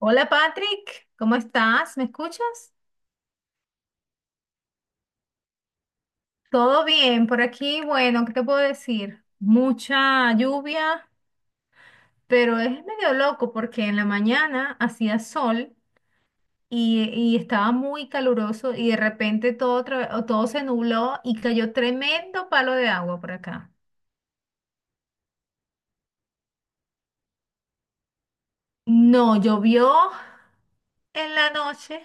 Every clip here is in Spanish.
Hola Patrick, ¿cómo estás? ¿Me escuchas? Todo bien por aquí. Bueno, ¿qué te puedo decir? Mucha lluvia, pero es medio loco porque en la mañana hacía sol y estaba muy caluroso y de repente todo, otra- o todo se nubló y cayó tremendo palo de agua por acá. No, llovió en la noche,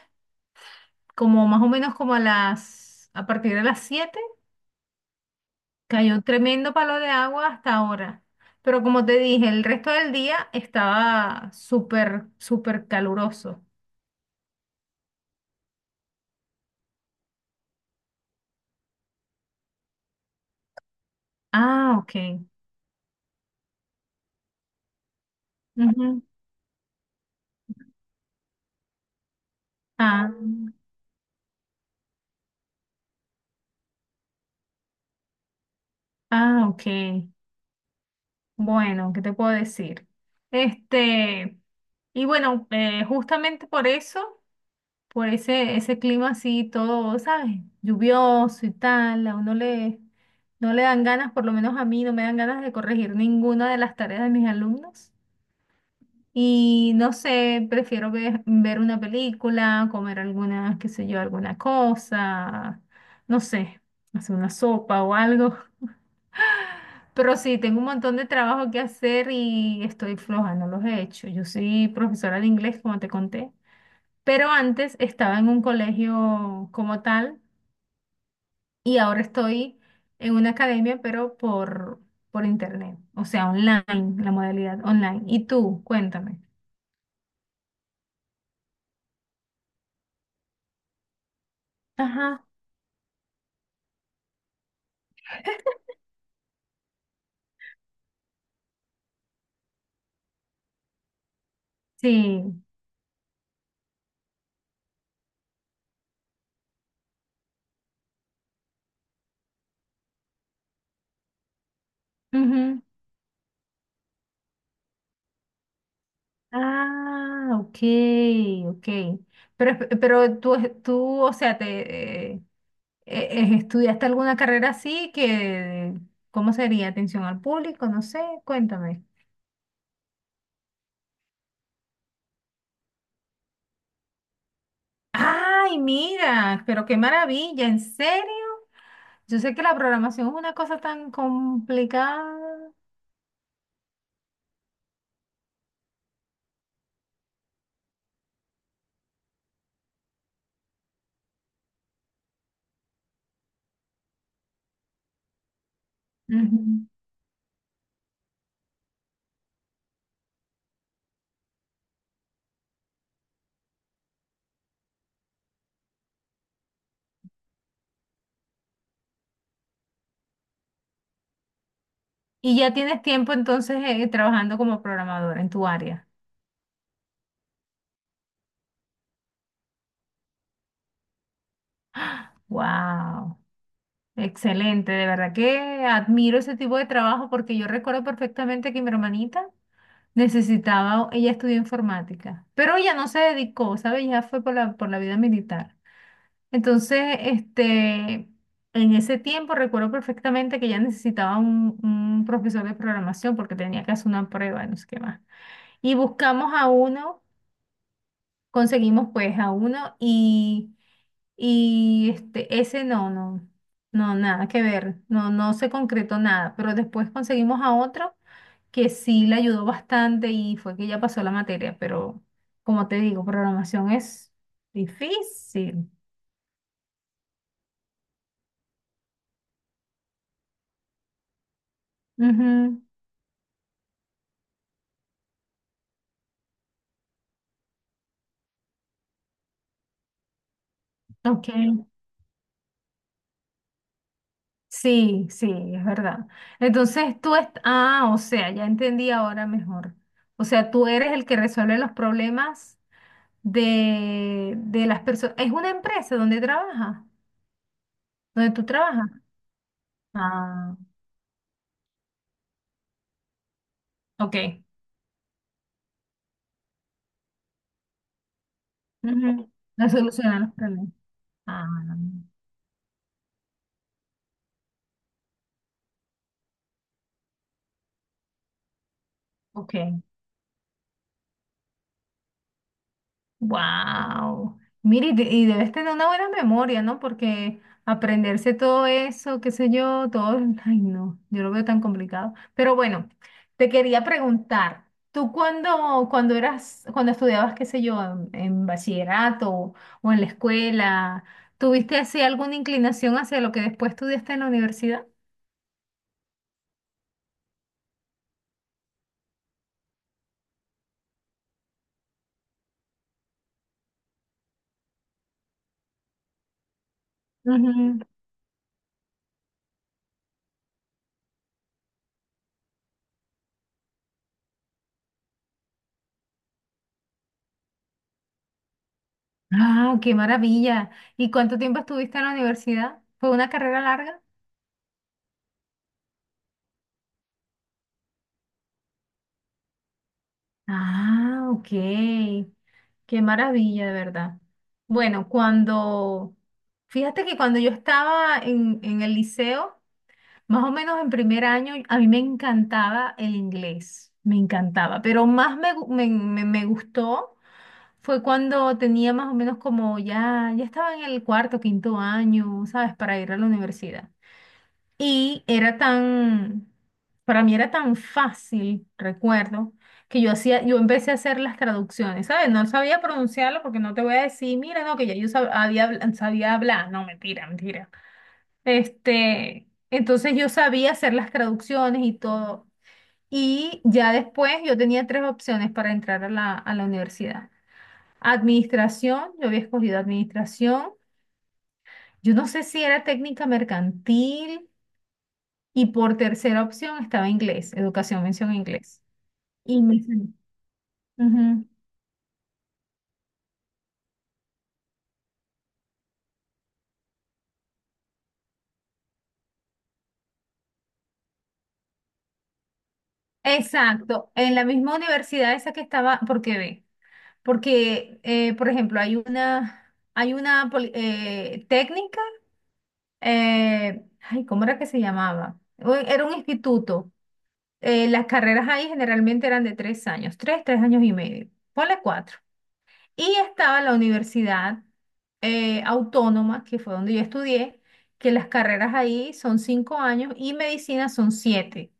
como más o menos como a partir de las 7. Cayó un tremendo palo de agua hasta ahora. Pero como te dije, el resto del día estaba súper, súper caluroso. Ah, ok. Ujú. Ah, ah, ok. Bueno, ¿qué te puedo decir? Este, y bueno, justamente por eso, por ese clima así, todo, ¿sabes? Lluvioso y tal, no le dan ganas, por lo menos a mí, no me dan ganas de corregir ninguna de las tareas de mis alumnos. Y no sé, prefiero ver una película, comer alguna, qué sé yo, alguna cosa, no sé, hacer una sopa o algo. Pero sí, tengo un montón de trabajo que hacer y estoy floja, no los he hecho. Yo soy profesora de inglés, como te conté, pero antes estaba en un colegio como tal y ahora estoy en una academia, pero por internet, o sea, online, la modalidad online. ¿Y tú? Cuéntame. Ajá. Sí. Ah, ok, ok. Pero tú, o sea, ¿estudiaste alguna carrera así que, ¿cómo sería? Atención al público, no sé, cuéntame. Ay, mira, pero qué maravilla, ¿en serio? Yo sé que la programación es una cosa tan complicada. Ujú. Y ya tienes tiempo entonces trabajando como programador en tu área. Wow. Excelente, de verdad que admiro ese tipo de trabajo porque yo recuerdo perfectamente que mi hermanita necesitaba, ella estudió informática, pero ella no se dedicó, ¿sabes? Ya fue por la vida militar. Entonces, en ese tiempo recuerdo perfectamente que ella necesitaba un profesor de programación porque tenía que hacer una prueba, no sé qué más. Y buscamos a uno conseguimos pues a uno y ese no, no, no, nada que ver, no, no se concretó nada, pero después conseguimos a otro que sí le ayudó bastante y fue que ya pasó la materia, pero como te digo, programación es difícil. Ujú. Ok, sí, sí, es verdad. Entonces o sea, ya entendí ahora mejor. O sea, tú eres el que resuelve los problemas de las personas. Es una empresa donde trabaja, donde tú trabajas. Ah, ok. Ujú. No solucionan los problemas. Ah, ok. Wow. Mire, y debes tener una buena memoria, ¿no? Porque aprenderse todo eso, qué sé yo, todo, ay, no, yo lo veo tan complicado. Pero bueno, te quería preguntar, tú cuando estudiabas, qué sé yo, en bachillerato o en la escuela, ¿tuviste así alguna inclinación hacia lo que después estudiaste en la universidad? Ujú. Ah, qué maravilla. ¿Y cuánto tiempo estuviste en la universidad? ¿Fue una carrera larga? Ah, ok. Qué maravilla, de verdad. Bueno, cuando, fíjate que cuando yo estaba en el liceo, más o menos en primer año, a mí me encantaba el inglés, me encantaba, pero más me, gu- me- me gustó fue cuando tenía más o menos como ya estaba en el cuarto, quinto año, ¿sabes? Para ir a la universidad. Y era tan, para mí era tan fácil, recuerdo, que yo hacía, yo empecé a hacer las traducciones, ¿sabes? No sabía pronunciarlo porque no te voy a decir, mira, no, que ya yo sabía hablar, no, mentira, mentira. Este, entonces yo sabía hacer las traducciones y todo. Y ya después yo tenía tres opciones para entrar a la universidad. Administración, yo había escogido administración. Yo no sé si era técnica mercantil. Y por tercera opción estaba inglés, educación, mención inglés. Y me salió. Ujú. Exacto, en la misma universidad esa que estaba, porque ve, porque, por ejemplo, hay una técnica, ay, ¿cómo era que se llamaba? O- Era un instituto. Las carreras ahí generalmente eran de 3 años, tres años y medio. Ponle cuatro. Y estaba la universidad autónoma, que fue donde yo estudié, que las carreras ahí son 5 años y medicina son siete.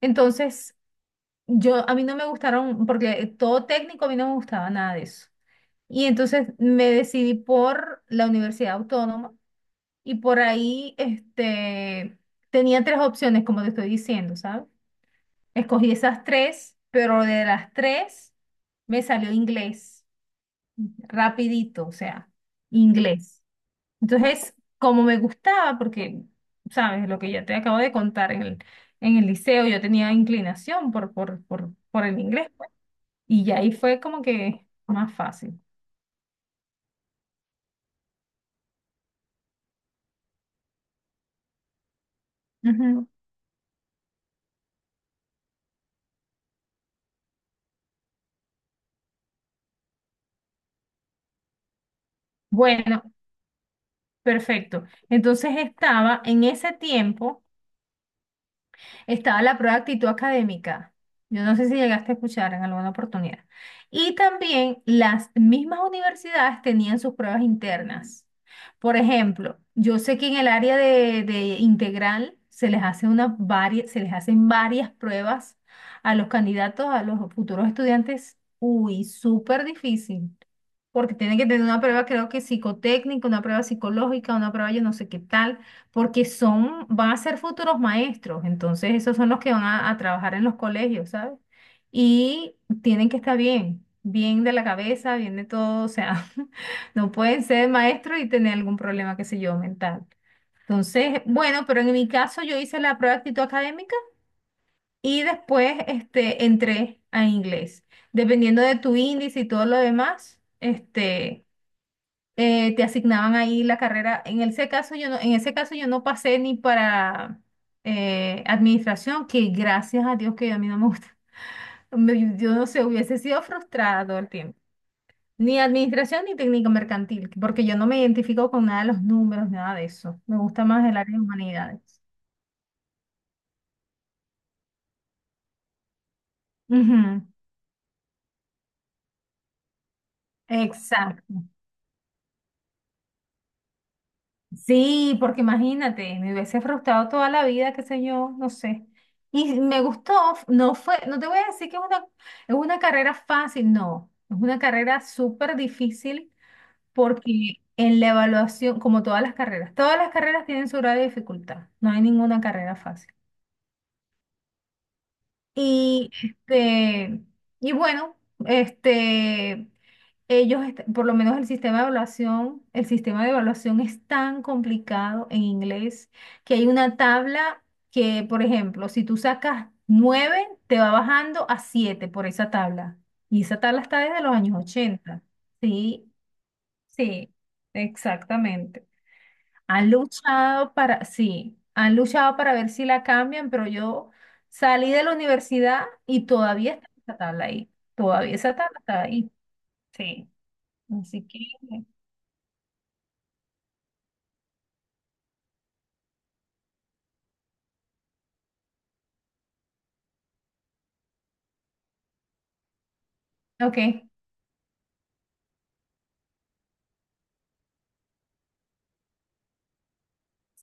Entonces, yo a mí no me gustaron, porque todo técnico a mí no me gustaba nada de eso. Y entonces me decidí por la universidad autónoma y por ahí tenía tres opciones, como te estoy diciendo, ¿sabes? Escogí esas tres, pero de las tres me salió inglés. Rapidito, o sea, inglés. Entonces, como me gustaba, porque, sabes, lo que ya te acabo de contar en el liceo, yo tenía inclinación por el inglés, pues, y ya ahí fue como que más fácil. Ujú. Bueno, perfecto. Entonces estaba en ese tiempo. Estaba la prueba de actitud académica. Yo no sé si llegaste a escuchar en alguna oportunidad. Y también las mismas universidades tenían sus pruebas internas. Por ejemplo, yo sé que en el área de integral se les hacen varias pruebas a los candidatos, a los futuros estudiantes. Uy, súper difícil. Porque tienen que tener una prueba, creo que psicotécnica, una prueba psicológica, una prueba yo no sé qué tal porque son, van a ser futuros maestros, entonces esos son los que van a trabajar en los colegios, ¿sabes? Y tienen que estar bien, bien de la cabeza, bien de todo, o sea, no pueden ser maestros y tener algún problema, qué sé yo, mental. Entonces, bueno, pero en mi caso yo hice la prueba de actitud académica y después entré a inglés. Dependiendo de tu índice y todo lo demás, te asignaban ahí la carrera. En ese caso yo no, en ese caso yo no pasé ni para administración, que gracias a Dios que a mí no me gusta. Me- yo no sé, hubiese sido frustrada todo el tiempo. Ni administración ni técnico mercantil, porque yo no me identifico con nada de los números, nada de eso. Me gusta más el área de humanidades. Ujú. Exacto. Sí, porque imagínate, me hubiese frustrado toda la vida, qué sé yo, no sé. Y me gustó, no fue, no te voy a decir que es una carrera fácil, no, es una carrera súper difícil porque en la evaluación, como todas las carreras tienen su grado de dificultad, no hay ninguna carrera fácil. Y este, y bueno, este por lo menos el sistema de evaluación, el sistema de evaluación es tan complicado en inglés que hay una tabla que, por ejemplo, si tú sacas 9 te va bajando a 7 por esa tabla. Y esa tabla está desde los años 80. Sí, sí, exactamente. Han luchado para, sí, han luchado para ver si la cambian, pero yo salí de la universidad y todavía está esa tabla ahí. Todavía esa tabla está ahí. Sí. Así que. Ok,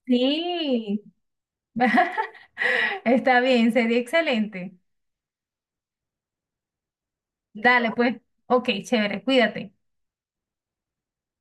sí, está bien, sería excelente. Dale, pues, ok, chévere, cuídate.